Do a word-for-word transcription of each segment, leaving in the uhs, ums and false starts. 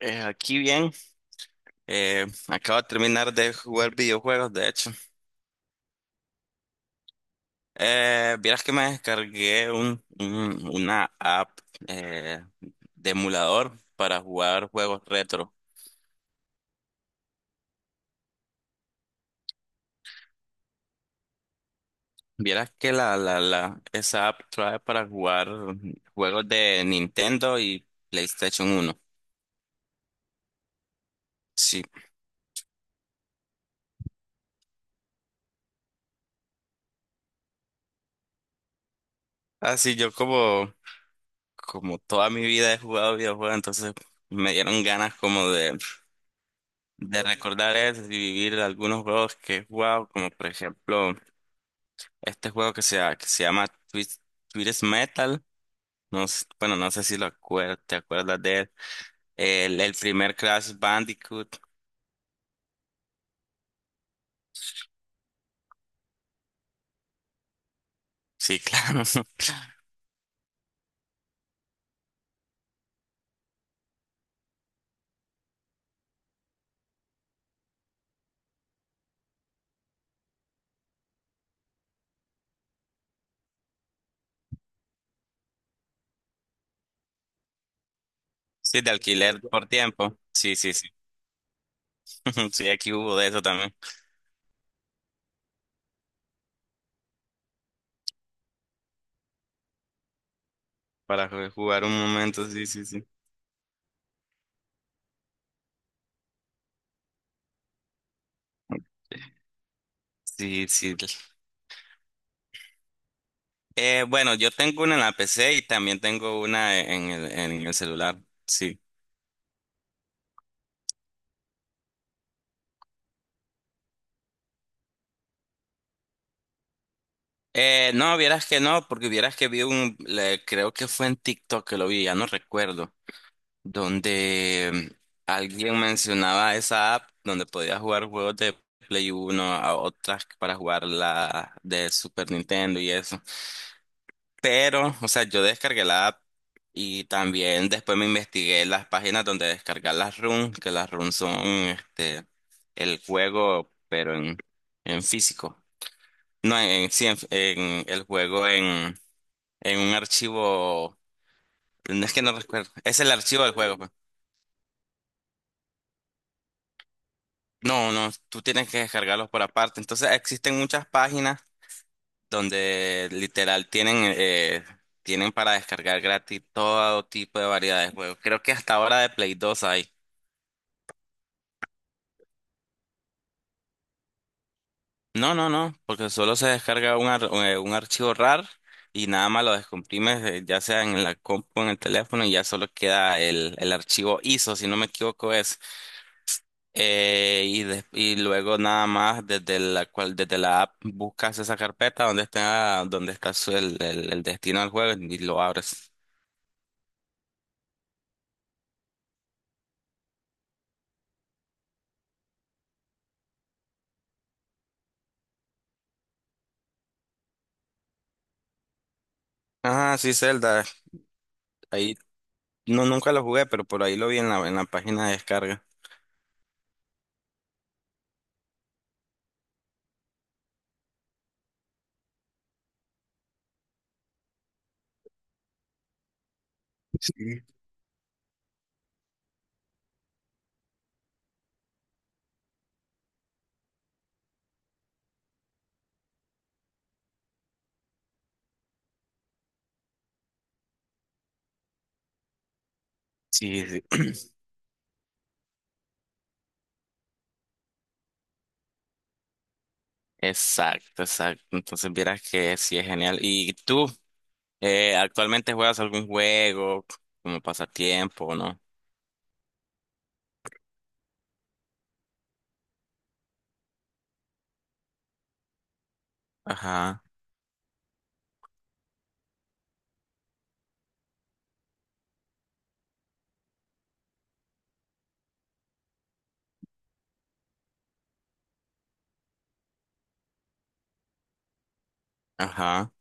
Eh, aquí bien, eh, acabo de terminar de jugar videojuegos, de hecho. Eh, vieras que me descargué un, un- una app eh, de emulador para jugar juegos retro. Vieras que la, la, la, esa app trae para jugar juegos de Nintendo y PlayStation uno. Sí, así yo como, como toda mi vida he jugado videojuegos, entonces me dieron ganas como de... de recordar eso y vivir algunos juegos que he jugado, como por ejemplo este juego que se, ha- que se llama Twist, Twist Metal. No, s- bueno, no sé si lo acuer- te acuerdas de él. El, el primer Crash Bandicoot. Sí, claro. Sí, de alquiler por tiempo. Sí, sí, sí. Sí, aquí hubo de eso también. Para ju- jugar un momento, sí, sí, sí. Sí, sí. Eh, bueno, yo tengo una en la P C y también tengo una en el, en el celular. Sí. Eh, no, vieras que no, porque vieras que vi un, le- creo que fue en TikTok que lo vi, ya no recuerdo, donde alguien mencionaba esa app donde podías jugar juegos de Play uno a otras para jugar la de Super Nintendo y eso. Pero, o sea, yo descargué la app y también después me investigué las páginas donde descargar las ROM, que las ROM son este el juego, pero en, en físico. No, en, sí, en, en el juego en un archivo, no es que no recuerdo, es el archivo del juego, pues. No, no, tú tienes que descargarlos por aparte. Entonces existen muchas páginas donde literal tienen, eh, tienen para descargar gratis todo tipo de variedad de juegos. Creo que hasta ahora de Play dos hay. No, no, no, porque solo se descarga un, ar- eh, un archivo R A R y nada más lo descomprimes, eh, ya sea en la compu, en el teléfono, y ya solo queda el, el archivo ISO, si no me equivoco es. Eh, y, des- y luego nada más desde la cual desde la app buscas esa carpeta donde está donde está su- el, el, el destino del juego y lo abres. Ajá, sí, Zelda. Ahí no nunca lo jugué, pero por ahí lo vi en la, en la página de descarga. Sí, sí. Exacto, exacto. Entonces vieras que sí es genial. ¿Y tú eh, actualmente juegas algún juego como pasatiempo, no? Ajá, ajá.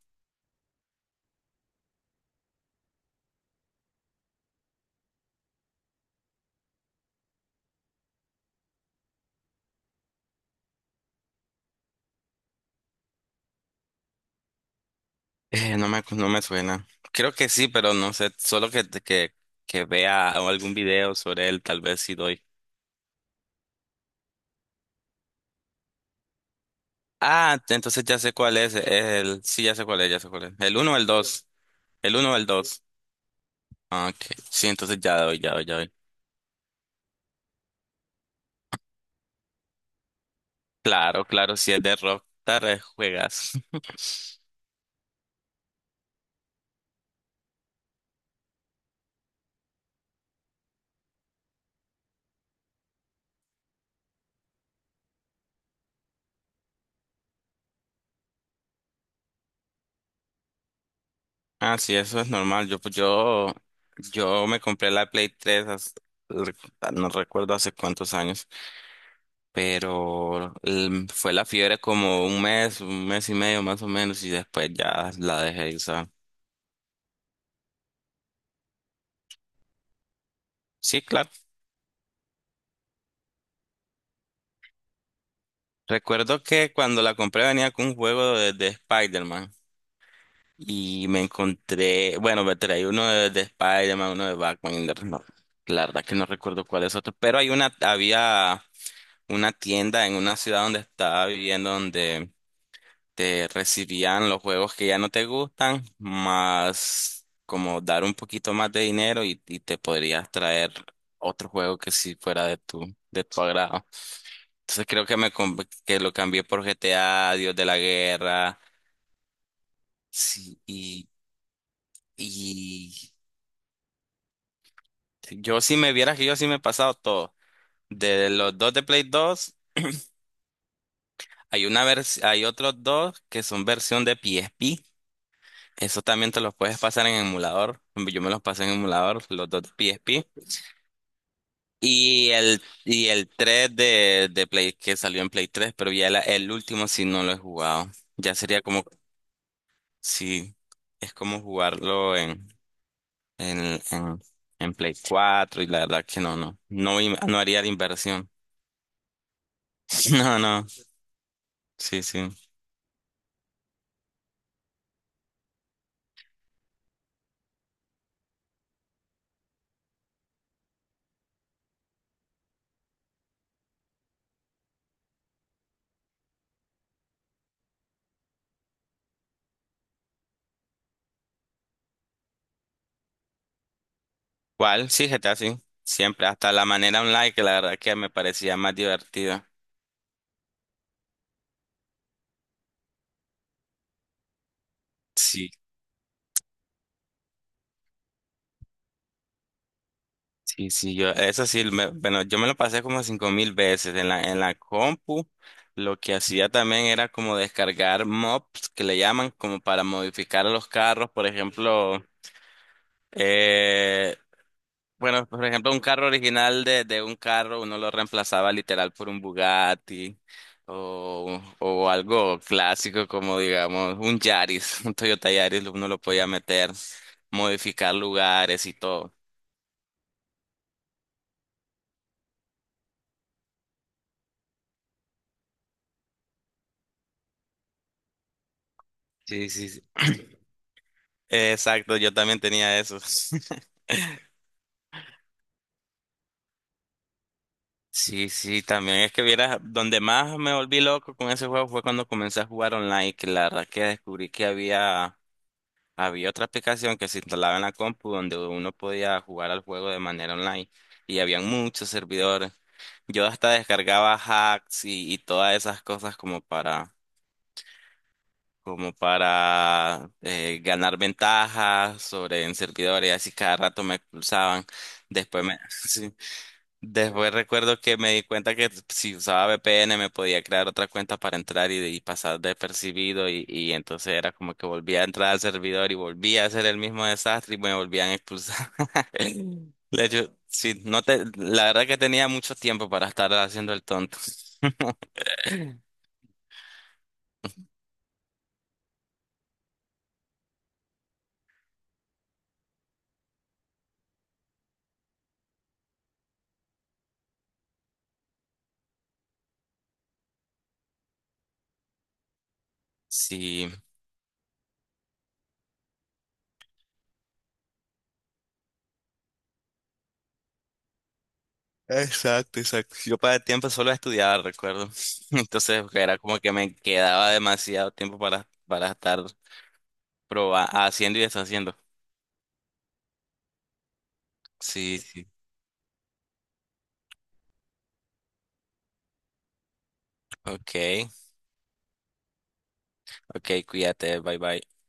Eh, no me, no me suena. Creo que sí, pero no sé. Solo que, que, que vea algún video sobre él, tal vez sí doy. Ah, entonces ya sé cuál es. El, sí, ya sé cuál es, ya sé cuál es. ¿El uno o el dos? El uno o el dos. Ah, ok, sí, entonces ya doy, ya doy, ya doy. Claro, claro, si es de Rockstar, eh, juegas. Ah, sí, eso es normal. Yo, pues, yo, yo me compré la Play tres hace- no recuerdo hace cuántos años. pero el- fue la fiebre como un mes, un mes y medio más o menos, y después ya la dejé de usar. Sí, claro. Recuerdo que cuando la compré venía con un juego de, de Spider-Man y me encontré, bueno, me traí uno de, de Spider-Man, uno de Batman, y de- no, la verdad que no recuerdo cuál es otro, pero hay una, había una tienda en una ciudad donde estaba viviendo donde te recibían los juegos que ya no te gustan, más como dar un poquito más de dinero y, y te podrías traer otro juego que sí fuera de tu, de tu agrado. Entonces creo que me com- que lo cambié por G T A, Dios de la Guerra. Sí, y, y yo si me vieras que yo sí me he pasado todo. De los dos de Play dos hay una vers- hay otros dos que son versión de P S P. Eso también te los puedes pasar en emulador. Yo me los pasé en emulador, los dos de P S P. Y el, y el tres de, de Play que salió en Play tres pero ya la- el último sí no lo he jugado. Ya sería como, sí, es como jugarlo en, en, en, en Play cuatro y la verdad que no, no. No, im- no haría la inversión. No, no, sí, sí. ¿Cuál? Sí, G T A, sí. Siempre, hasta la manera online que la verdad que me parecía más divertida. Sí. Sí, sí, yo, eso sí, me- bueno, yo me lo pasé como cinco mil veces en la, en la compu. Lo que hacía también era como descargar mobs que le llaman como para modificar a los carros. Por ejemplo, eh, bueno, por ejemplo, un carro original de, de un carro, uno lo reemplazaba literal por un Bugatti o, o algo clásico como, digamos, un Yaris, un Toyota Yaris, uno lo podía meter, modificar lugares y todo. Sí, sí, sí. Exacto, yo también tenía eso. Sí, sí, también es que vieras, donde más me volví loco con ese juego fue cuando comencé a jugar online, que la verdad que descubrí que había, había otra aplicación que se instalaba en la compu donde uno podía jugar al juego de manera online y habían muchos servidores. Yo hasta descargaba hacks y, y todas esas cosas como para, como para eh, ganar ventajas sobre en servidores, así cada rato me expulsaban. Después me, Después recuerdo que me di cuenta que si usaba V P N me podía crear otra cuenta para entrar y, y pasar despercibido y, y entonces era como que volvía a entrar al servidor y volvía a hacer el mismo desastre y me volvían a expulsar. Le- yo- sí, no te, la verdad que tenía mucho tiempo para estar haciendo el tonto. Sí, exacto, exacto. Yo para el tiempo solo estudiaba, recuerdo. Entonces era como que me quedaba demasiado tiempo para, para estar proba- haciendo y deshaciendo. Sí, sí. Ok. Ok, cuídate, bye bye.